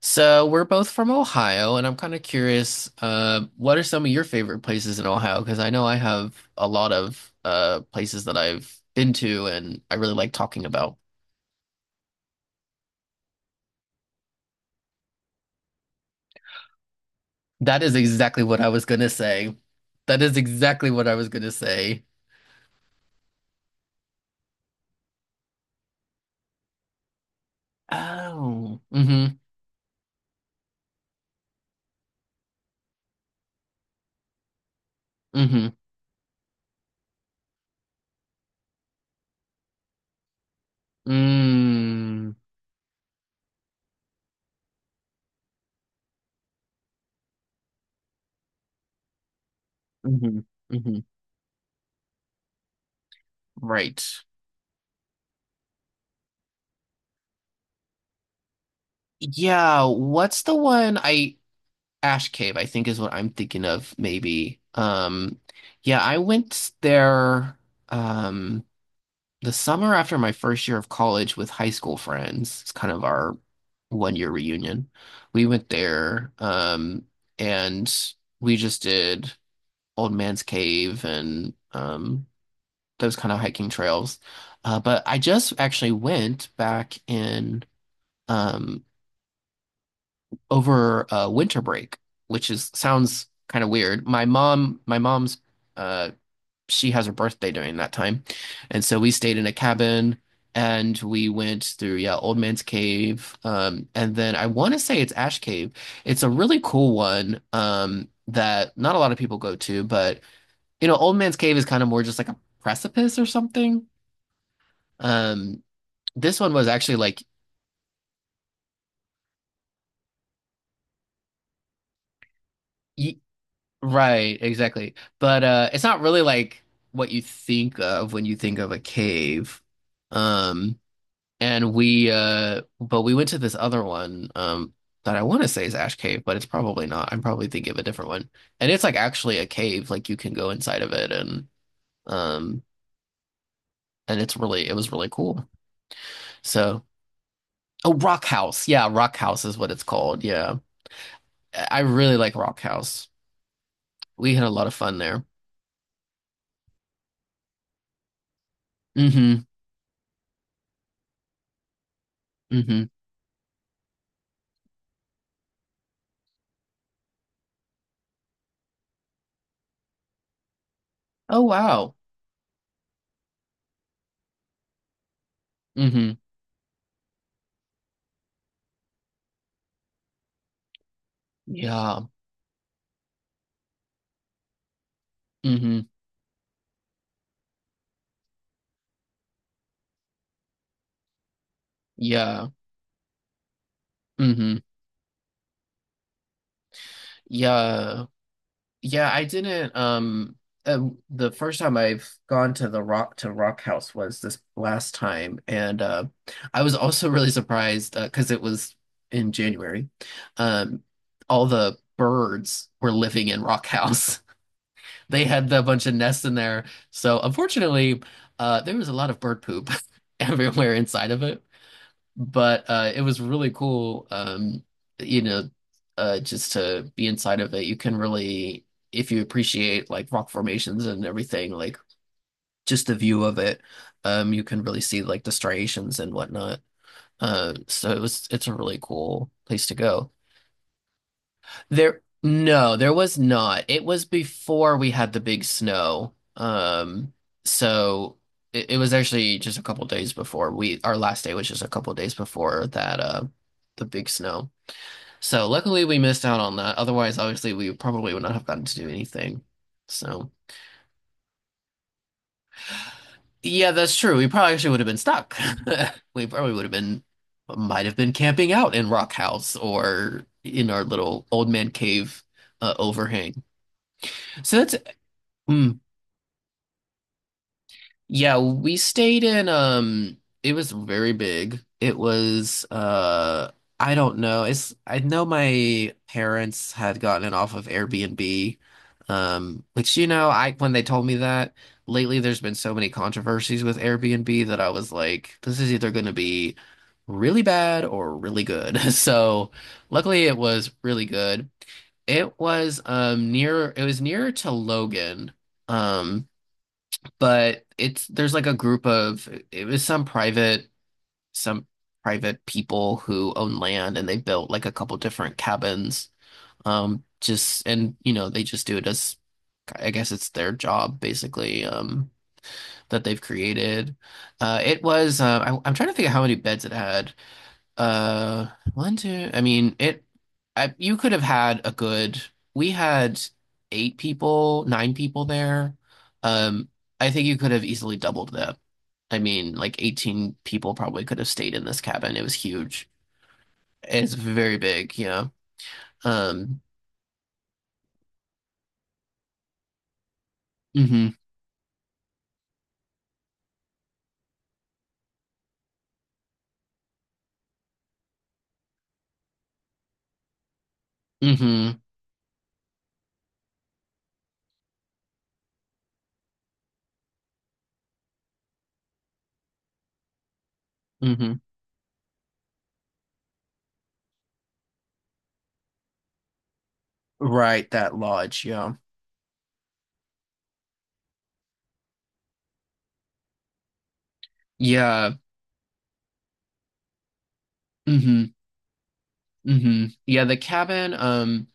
So we're both from Ohio, and I'm kind of curious, what are some of your favorite places in Ohio? Because I know I have a lot of places that I've been to, and I really like talking about. That is exactly what I was gonna say. That is exactly what I was gonna say. Oh, mm-hmm, mm-hmm, mm, mm-hmm, mm-hmm. Right. Yeah, what's the one I Ash Cave, I think is what I'm thinking of, maybe. Yeah, I went there um the summer after my first year of college with high school friends. It's kind of our 1 year reunion. We went there and we just did Old Man's Cave and those kind of hiking trails. But I just actually went back in um over winter break, which is sounds kind of weird. My mom's, uh, she has her birthday during that time, and so we stayed in a cabin and we went through, yeah, Old Man's Cave, and then I want to say it's Ash Cave. It's a really cool one, that not a lot of people go to, but you know, Old Man's Cave is kind of more just like a precipice or something. Um, this one was actually like. Right, exactly. But it's not really like what you think of when you think of a cave. Um and we but we went to this other one that I want to say is Ash Cave, but it's probably not. I'm probably thinking of a different one. And it's like actually a cave, like you can go inside of it um and it's really it was really cool. So, oh, Rock House. Yeah, Rock House is what it's called. Yeah. I really like Rock House. We had a lot of fun there. Mm-hmm. Mm-hmm. Oh wow. Mm-hmm. Yeah. Hmm. Yeah. Hmm. Yeah. Yeah, I didn't uh, the first time I've gone to the Rock House was this last time, and I was also really surprised, 'cause it was in January. Um, all the birds were living in Rock House. They had a bunch of nests in there. So unfortunately, there was a lot of bird poop everywhere inside of it. But it was really cool. You know, just to be inside of it, you can really, if you appreciate like rock formations and everything, like just the view of it, you can really see like the striations and whatnot. It's a really cool place to go. No, there was not. It was before we had the big snow. So it was actually just a couple days before our last day was just a couple days before that, the big snow. So luckily we missed out on that. Otherwise, obviously, we probably would not have gotten to do anything. So yeah, that's true. We probably actually would have been stuck. We probably would have been, might have been camping out in Rock House or in our little old man cave, overhang. So that's. Hmm. Yeah, we stayed in it was very big. It was I don't know. It's I know my parents had gotten it off of Airbnb. Um, which, you know, I when they told me that lately there's been so many controversies with Airbnb, that I was like, this is either going to be really bad or really good. So luckily it was really good. It was nearer to Logan. Um but it's there's like a group of it was some private people who own land, and they built like a couple different cabins, just and you know, they just do it as, I guess, it's their job basically, that they've created. I'm trying to think of how many beds it had. uh, One, two. I mean, it. I you could have had a good. We had eight people, nine people there. Um, I think you could have easily doubled that. I mean, like 18 people probably could have stayed in this cabin. It was huge. It's very big, yeah. Um, mm-hmm, mm-hmm, mm-hmm. Right, that lodge, yeah. Yeah. Mm-hmm. Mm-hmm. Yeah, the cabin,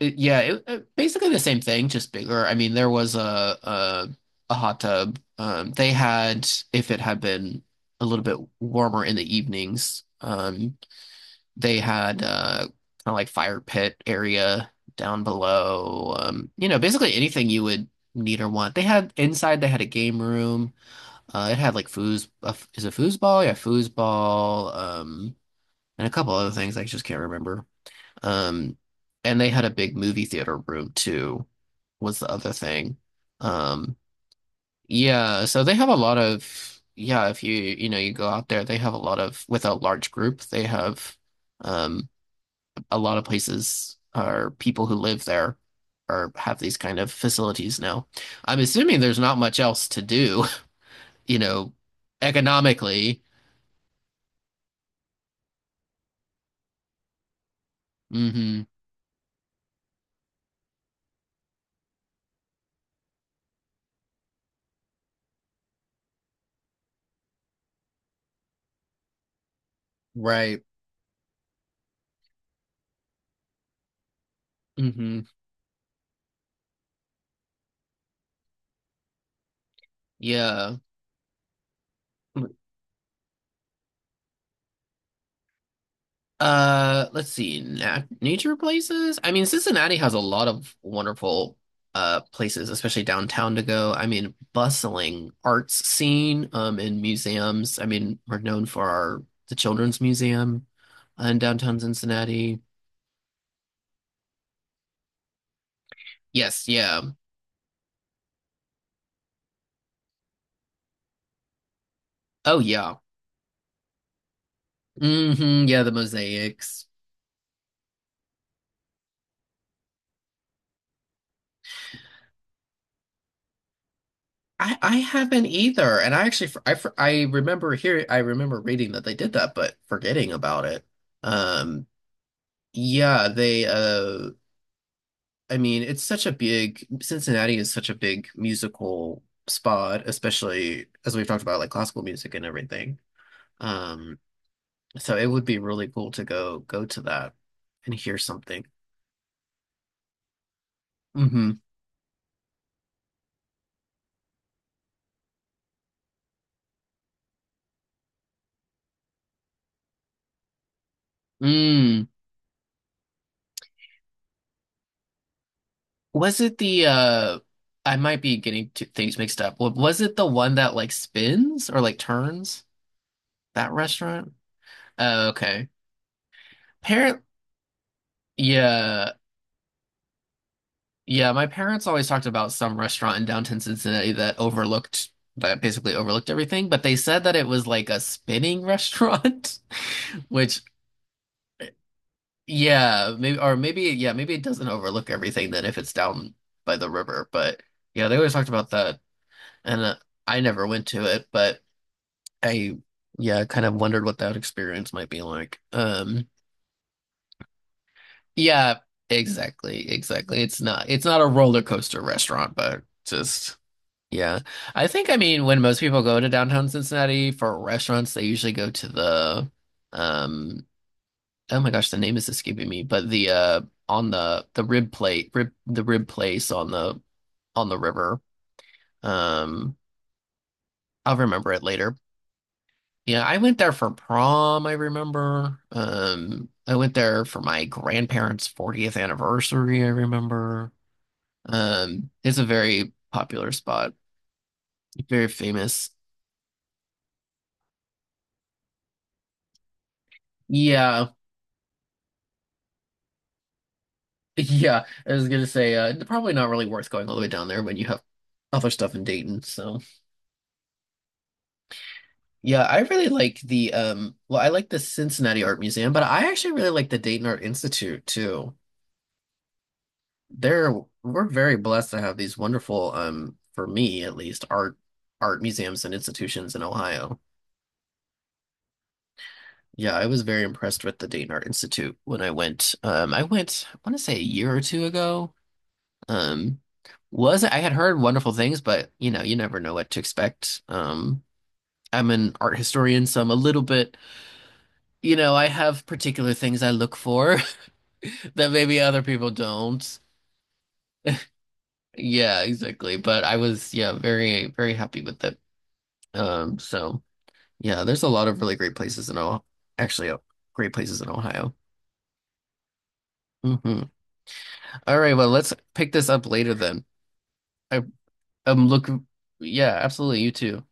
Basically the same thing, just bigger. I mean, there was a, a hot tub. They had, if it had been a little bit warmer in the evenings, they had kind of like fire pit area down below. You know, basically anything you would need or want. They had inside. They had a game room. It had like foos. Is it foosball? Yeah, foosball. And a couple other things I just can't remember. Um, and they had a big movie theater room too, was the other thing. Um, yeah, so they have a lot of, yeah, if you, you know, you go out there, they have a lot of, with a large group, they have um a lot of places or people who live there or have these kind of facilities now. I'm assuming there's not much else to do, you know, economically. Hmm. Right. Hmm. Yeah. Let's see. Na nature places. I mean, Cincinnati has a lot of wonderful places, especially downtown to go. I mean, bustling arts scene, and museums. I mean, we're known for our the Children's Museum in downtown Cincinnati. Yes, yeah. Oh yeah. Hmm, yeah, the mosaics. I haven't either, and I actually I remember hearing I remember reading that they did that, but forgetting about it. Um, yeah, they I mean, it's such a big, Cincinnati is such a big musical spot, especially as we've talked about, like, classical music and everything. Um, so it would be really cool to go to that and hear something. Hmm. Mm. Was it the I might be getting two things mixed up. Was it the one that like spins or like turns? That restaurant? Oh, okay. Parent, yeah. Yeah, my parents always talked about some restaurant in downtown Cincinnati that basically overlooked everything, but they said that it was like a spinning restaurant, which, yeah, maybe, or maybe, yeah, maybe it doesn't overlook everything then if it's down by the river. But yeah, they always talked about that. And I never went to it, but I, yeah, kind of wondered what that experience might be like. Yeah, exactly, exactly. It's not a roller coaster restaurant, but just. Yeah. I think, I mean, when most people go to downtown Cincinnati for restaurants, they usually go to the, um, oh my gosh, the name is escaping me, but the rib place on the river. Um, I'll remember it later. Yeah. I went there for prom, I remember. I went there for my grandparents' 40th anniversary, I remember. It's a very popular spot, very famous. Yeah. Yeah, I was gonna say, probably not really worth going all the way down there when you have other stuff in Dayton. So yeah, I really like the, well, I like the Cincinnati Art Museum, but I actually really like the Dayton Art Institute too. They're we're very blessed to have these wonderful, for me at least, art museums and institutions in Ohio. Yeah, I was very impressed with the Dayton Art Institute when I went. I want to say a year or two ago. Um, was I had heard wonderful things, but you know, you never know what to expect. I'm an art historian, so I'm a little bit, you know, I have particular things I look for that maybe other people don't. Yeah, exactly. But I was, yeah, very, very happy with it. So yeah, there's a lot of really great places in Ohio, actually, great places in Ohio. Hmm. All right, well, let's pick this up later then. I, I'm looking, yeah, absolutely, you too.